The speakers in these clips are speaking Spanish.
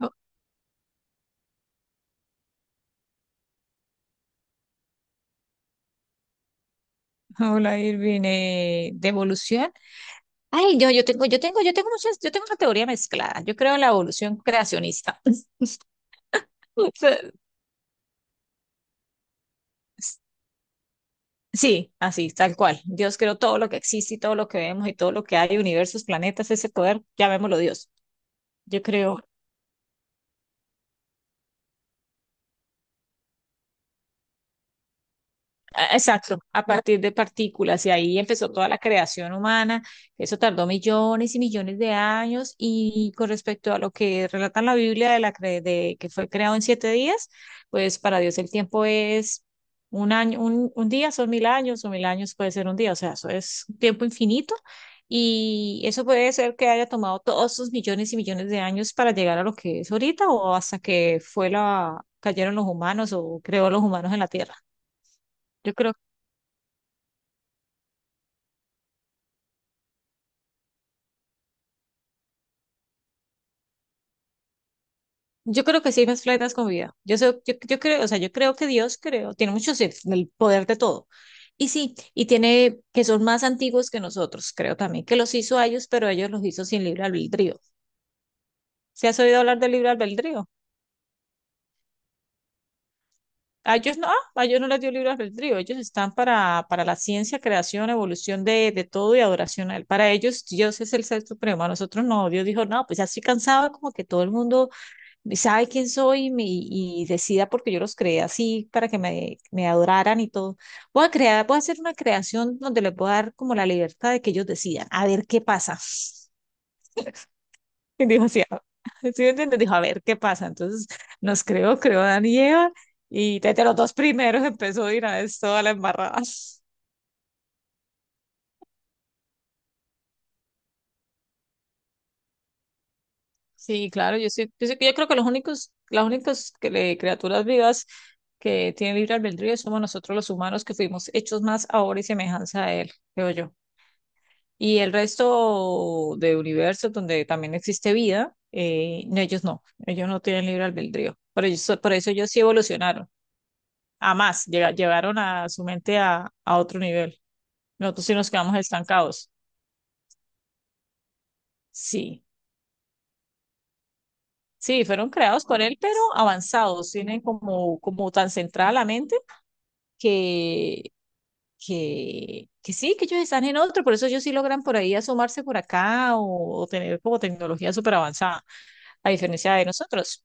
Oh, hola Irving, ¿de evolución? Ay, yo tengo, yo tengo, yo tengo muchas, yo tengo una teoría mezclada. Yo creo en la evolución creacionista. O sea, s- sí, así, tal cual. Dios creó todo lo que existe y todo lo que vemos y todo lo que hay, universos, planetas, ese poder, llamémoslo Dios. Yo creo Ah, exacto, a partir de partículas y ahí empezó toda la creación humana. Eso tardó millones y millones de años y con respecto a lo que relata en la Biblia de que fue creado en 7 días, pues para Dios el tiempo es 1 año, un día son 1000 años o 1000 años puede ser un día, o sea, eso es un tiempo infinito y eso puede ser que haya tomado todos esos millones y millones de años para llegar a lo que es ahorita o hasta que cayeron los humanos o creó los humanos en la Tierra. Yo creo Yo creo que sí hay más planetas con vida. Yo, creo, o sea, yo creo que Dios creo, tiene muchos el poder de todo. Y sí, y tiene que son más antiguos que nosotros, creo también, que los hizo a ellos, pero ellos los hizo sin libre albedrío. ¿Se has oído hablar del libre albedrío? A ellos no, a ellos no les dio libre albedrío, ellos están para la ciencia, creación, evolución de todo y adoración a él. Para ellos Dios es el ser supremo, a nosotros no. Dios dijo, no, pues ya estoy cansado como que todo el mundo sabe quién soy y decida porque yo los creé así para que me adoraran y todo. Voy a crear, voy a hacer una creación donde les voy a dar como la libertad de que ellos decidan, a ver qué pasa. Y dijo así, "Ah", ¿sí me entiendes? Dijo, a ver qué pasa. Entonces nos creó, creó a Dan y Eva y desde los dos primeros empezó a ir a esto a la embarrada. Sí, claro, yo creo que los únicos, las únicas criaturas vivas que tienen libre albedrío somos nosotros los humanos que fuimos hechos más ahora y semejanza a él, creo yo. Y el resto de universos donde también existe vida, no, ellos no, ellos no tienen libre albedrío. Por eso ellos sí evolucionaron, a más, llevaron a su mente a otro nivel. Nosotros sí nos quedamos estancados. Sí, sí, fueron creados por él, pero avanzados, tienen como, como tan centrada la mente que, que sí, que ellos están en otro, por eso ellos sí logran por ahí asomarse por acá o tener como tecnología súper avanzada, a diferencia de nosotros.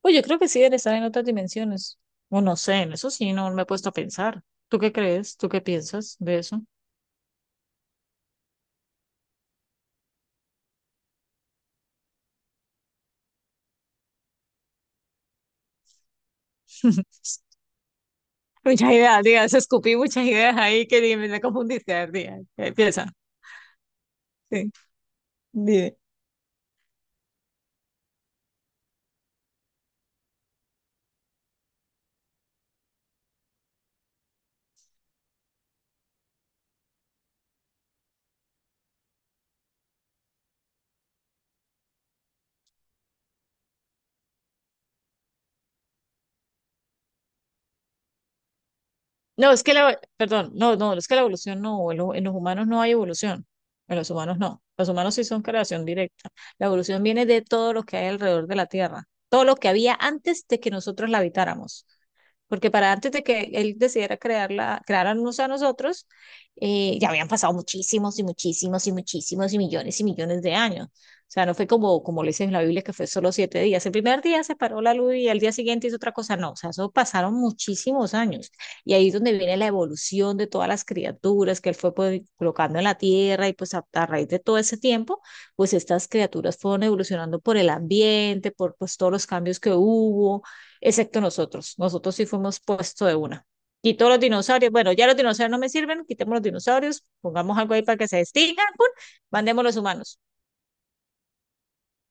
Pues yo creo que sí deben estar en otras dimensiones, o no sé, en eso sí no me he puesto a pensar. ¿Tú qué crees? ¿Tú qué piensas de eso? Muchas ideas, digas, escupí muchas ideas ahí que ni me confundiste. A ver, diga, ¿qué piensas? Sí, dime. No, perdón, no, no, es que la evolución no, en los humanos no hay evolución, en los humanos no, los humanos sí son creación directa. La evolución viene de todo lo que hay alrededor de la Tierra, todo lo que había antes de que nosotros la habitáramos. Porque para antes de que él decidiera crearla, crearnos a nosotros, ya habían pasado muchísimos y muchísimos y muchísimos y millones de años. O sea, no fue como, como le dice en la Biblia, que fue solo 7 días. El primer día se paró la luz y al día siguiente hizo otra cosa. No, o sea, eso pasaron muchísimos años. Y ahí es donde viene la evolución de todas las criaturas que él fue pues, colocando en la tierra y pues a raíz de todo ese tiempo, pues estas criaturas fueron evolucionando por el ambiente, por pues todos los cambios que hubo excepto nosotros. Nosotros sí fuimos puesto de una. Quito los dinosaurios. Bueno, ya los dinosaurios no me sirven, quitemos los dinosaurios, pongamos algo ahí para que se extingan, ¡pum! Mandemos los humanos.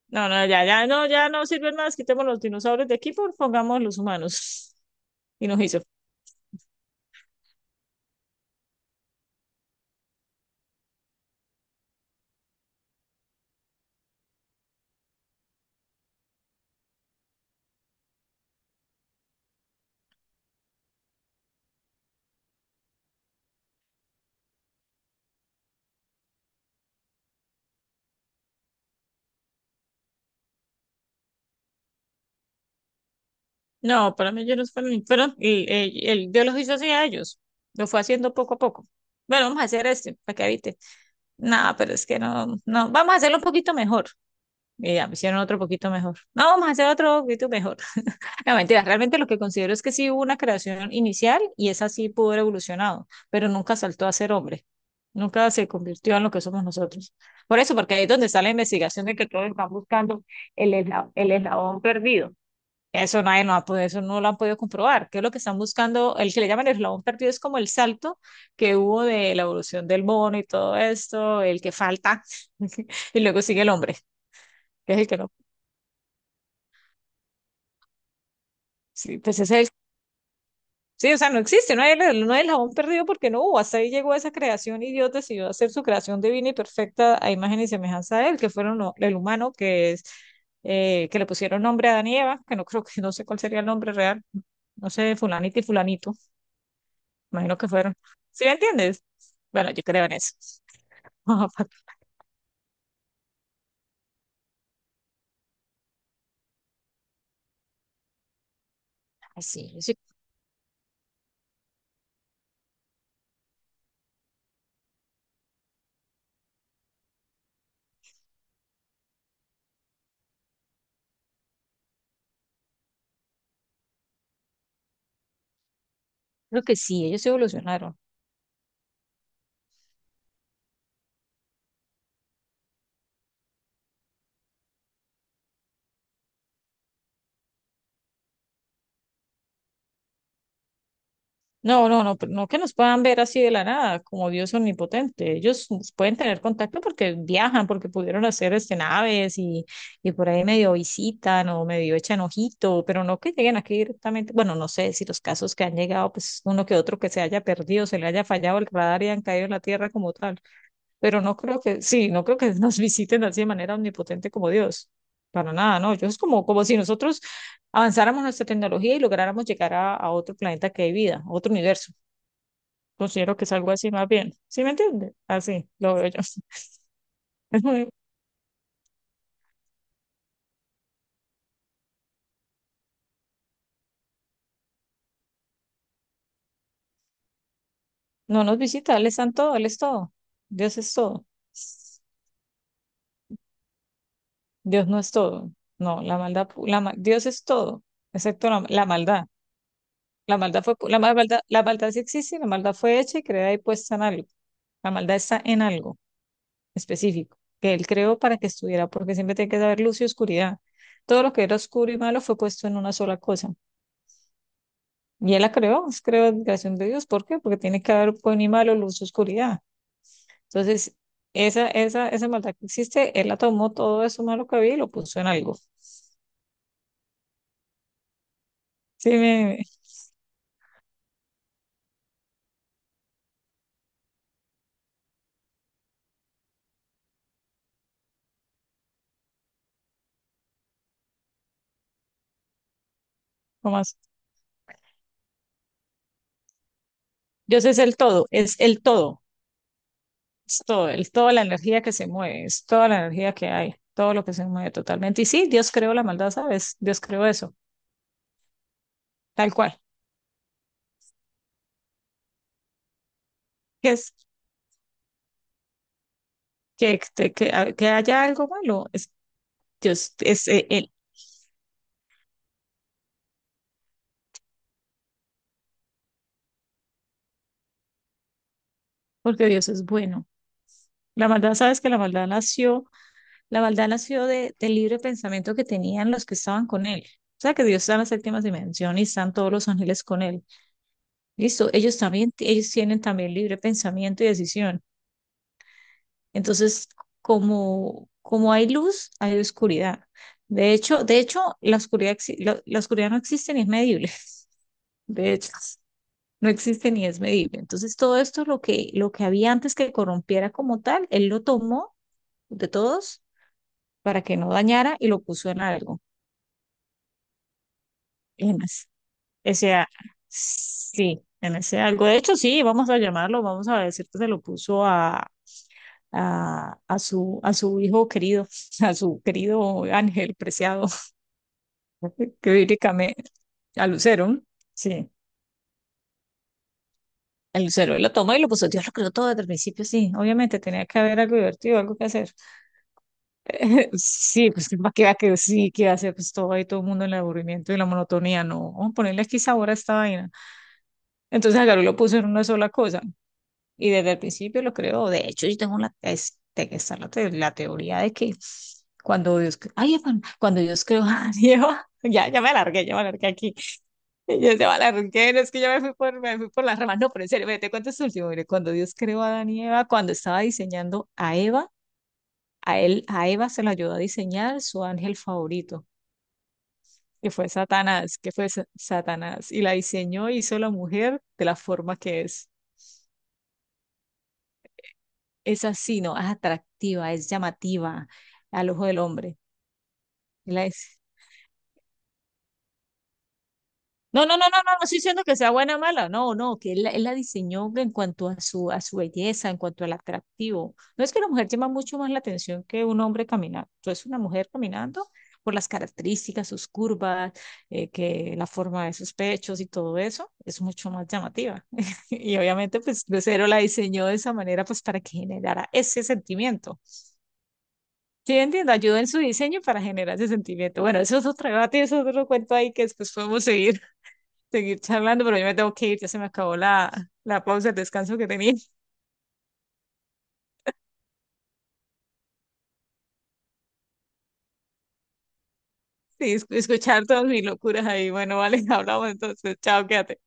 No, no, ya no sirven más, quitemos los dinosaurios de aquí, por pongamos los humanos. Y nos hizo. No, para mí ellos no fueron, pero el Dios los hizo así a ellos. Lo fue haciendo poco a poco. Bueno, vamos a hacer este para que habite. No, pero es que no, no, vamos a hacerlo un poquito mejor. Y ya me hicieron otro poquito mejor. No, vamos a hacer otro poquito mejor. No, mentiras, realmente lo que considero es que sí hubo una creación inicial y esa sí pudo haber evolucionado, pero nunca saltó a ser hombre, nunca se convirtió en lo que somos nosotros. Por eso, porque ahí es donde está la investigación de que todos están buscando el eslabón perdido. Eso nadie no ha podido, eso no lo han podido comprobar. ¿Qué es lo que están buscando? El que le llaman el eslabón perdido es como el salto que hubo de la evolución del mono y todo esto, el que falta, y luego sigue el hombre, que es el que no. Sí, pues ese es el sí, o sea, no existe, no hay, no hay el jabón perdido porque no hubo. Hasta ahí llegó esa creación y Dios decidió hacer su creación divina y perfecta a imagen y semejanza de él, que fueron el humano, que es que le pusieron nombre a Adán y Eva, que no creo que no sé cuál sería el nombre real, no sé, fulanito y fulanito, imagino que fueron. ¿Sí me entiendes? Bueno, yo creo en eso. Ah, sí, yo sí creo que sí, ellos evolucionaron. No, no, no, no que nos puedan ver así de la nada, como Dios omnipotente. Ellos pueden tener contacto porque viajan, porque pudieron hacer este naves y por ahí medio visitan o medio echan ojito, pero no que lleguen aquí directamente. Bueno, no sé si los casos que han llegado, pues uno que otro que se haya perdido, se le haya fallado el radar y han caído en la tierra como tal. Pero no creo que, sí, no creo que nos visiten así de manera omnipotente como Dios. Para nada, no. Yo es como, como si nosotros avanzáramos nuestra tecnología y lográramos llegar a otro planeta que hay vida, a otro universo. Considero que es algo así más bien. ¿Sí me entiende? Así lo veo yo. Es muy- no nos visita, Él es santo, Él es todo. Dios es todo. Dios no es todo. No, la maldad, pu- la, ma- Dios es todo, excepto la maldad. La maldad, la maldad sí existe, la maldad fue hecha y creada y puesta en algo. La maldad está en algo específico que él creó para que estuviera, porque siempre tiene que haber luz y oscuridad. Todo lo que era oscuro y malo fue puesto en una sola cosa. Y él la creó, es creación de Dios. ¿Por qué? Porque tiene que haber buen y malo, luz y oscuridad. Entonces, esa maldad que existe, él la tomó todo eso malo que había y lo puso en algo. Sí, me, ¿Cómo así? Dios es el todo, Es el todo, es todo, el, toda la energía que se mueve, es toda la energía que hay, todo lo que se mueve totalmente. Y sí, Dios creó la maldad, ¿sabes? Dios creó eso, tal cual. Que es que haya algo malo, es Dios, porque Dios es bueno. La maldad, ¿sabes que la maldad nació? La maldad nació del libre pensamiento que tenían los que estaban con él. O sea, que Dios está en la séptima dimensión y están todos los ángeles con él. Listo, ellos también, ellos tienen también libre pensamiento y decisión. Entonces, como, como hay luz, hay oscuridad. De hecho, la oscuridad no existe ni es medible. De hecho, no existe ni es medible. Entonces, todo esto, lo que había antes que corrompiera como tal, él lo tomó de todos para que no dañara y lo puso en algo. Ese, a- sí, en ese algo. De hecho, sí, vamos a llamarlo, vamos a decir que se lo puso a su hijo querido, a su querido ángel preciado, que bíblicamente, a Lucero, sí. El Lucero lo tomó y lo puso, Dios lo creó todo desde el principio, sí, obviamente tenía que haber algo divertido, algo que hacer. Sí, pues qué va que sí, que va a hacer pues todo ahí, todo el mundo en el aburrimiento y la monotonía, no, vamos a ponerle aquí sabor a esta vaina. Entonces agarró y lo puso en una sola cosa. Y desde el principio lo creo. De hecho, yo tengo la, este, está la teoría de que cuando Dios, cre- ay, Efan, cuando Dios creó a Eva, ya, ya me alargué aquí. Yo ya me alargué, no, es que ya me fui por las ramas. No, pero en serio, mire, te cuento este último. Mire, cuando Dios creó a Adán y Eva, cuando estaba diseñando a Eva, a Eva se la ayudó a diseñar su ángel favorito, que fue Satanás, Satanás. Y la diseñó, hizo la mujer de la forma que es. Es así, ¿no? Es atractiva, es llamativa al ojo del hombre. la es- No, no, no, no, no, no estoy diciendo que sea buena o mala, no, no, que él, él la diseñó en cuanto a su belleza, en cuanto al atractivo. No es que la mujer llama mucho más la atención que un hombre caminando. Entonces, una mujer caminando por las características, sus curvas, que la forma de sus pechos y todo eso, es mucho más llamativa. Y obviamente, pues, Lucero la diseñó de esa manera, pues, para que generara ese sentimiento. Sí, entiendo, ayuda en su diseño para generar ese sentimiento. Bueno, eso es otro debate, eso es otro cuento ahí que después podemos seguir, seguir charlando, pero yo me tengo que ir, ya se me acabó la pausa, el descanso que tenía y escuchar todas mis locuras ahí. Bueno, vale, hablamos entonces, chao, quédate.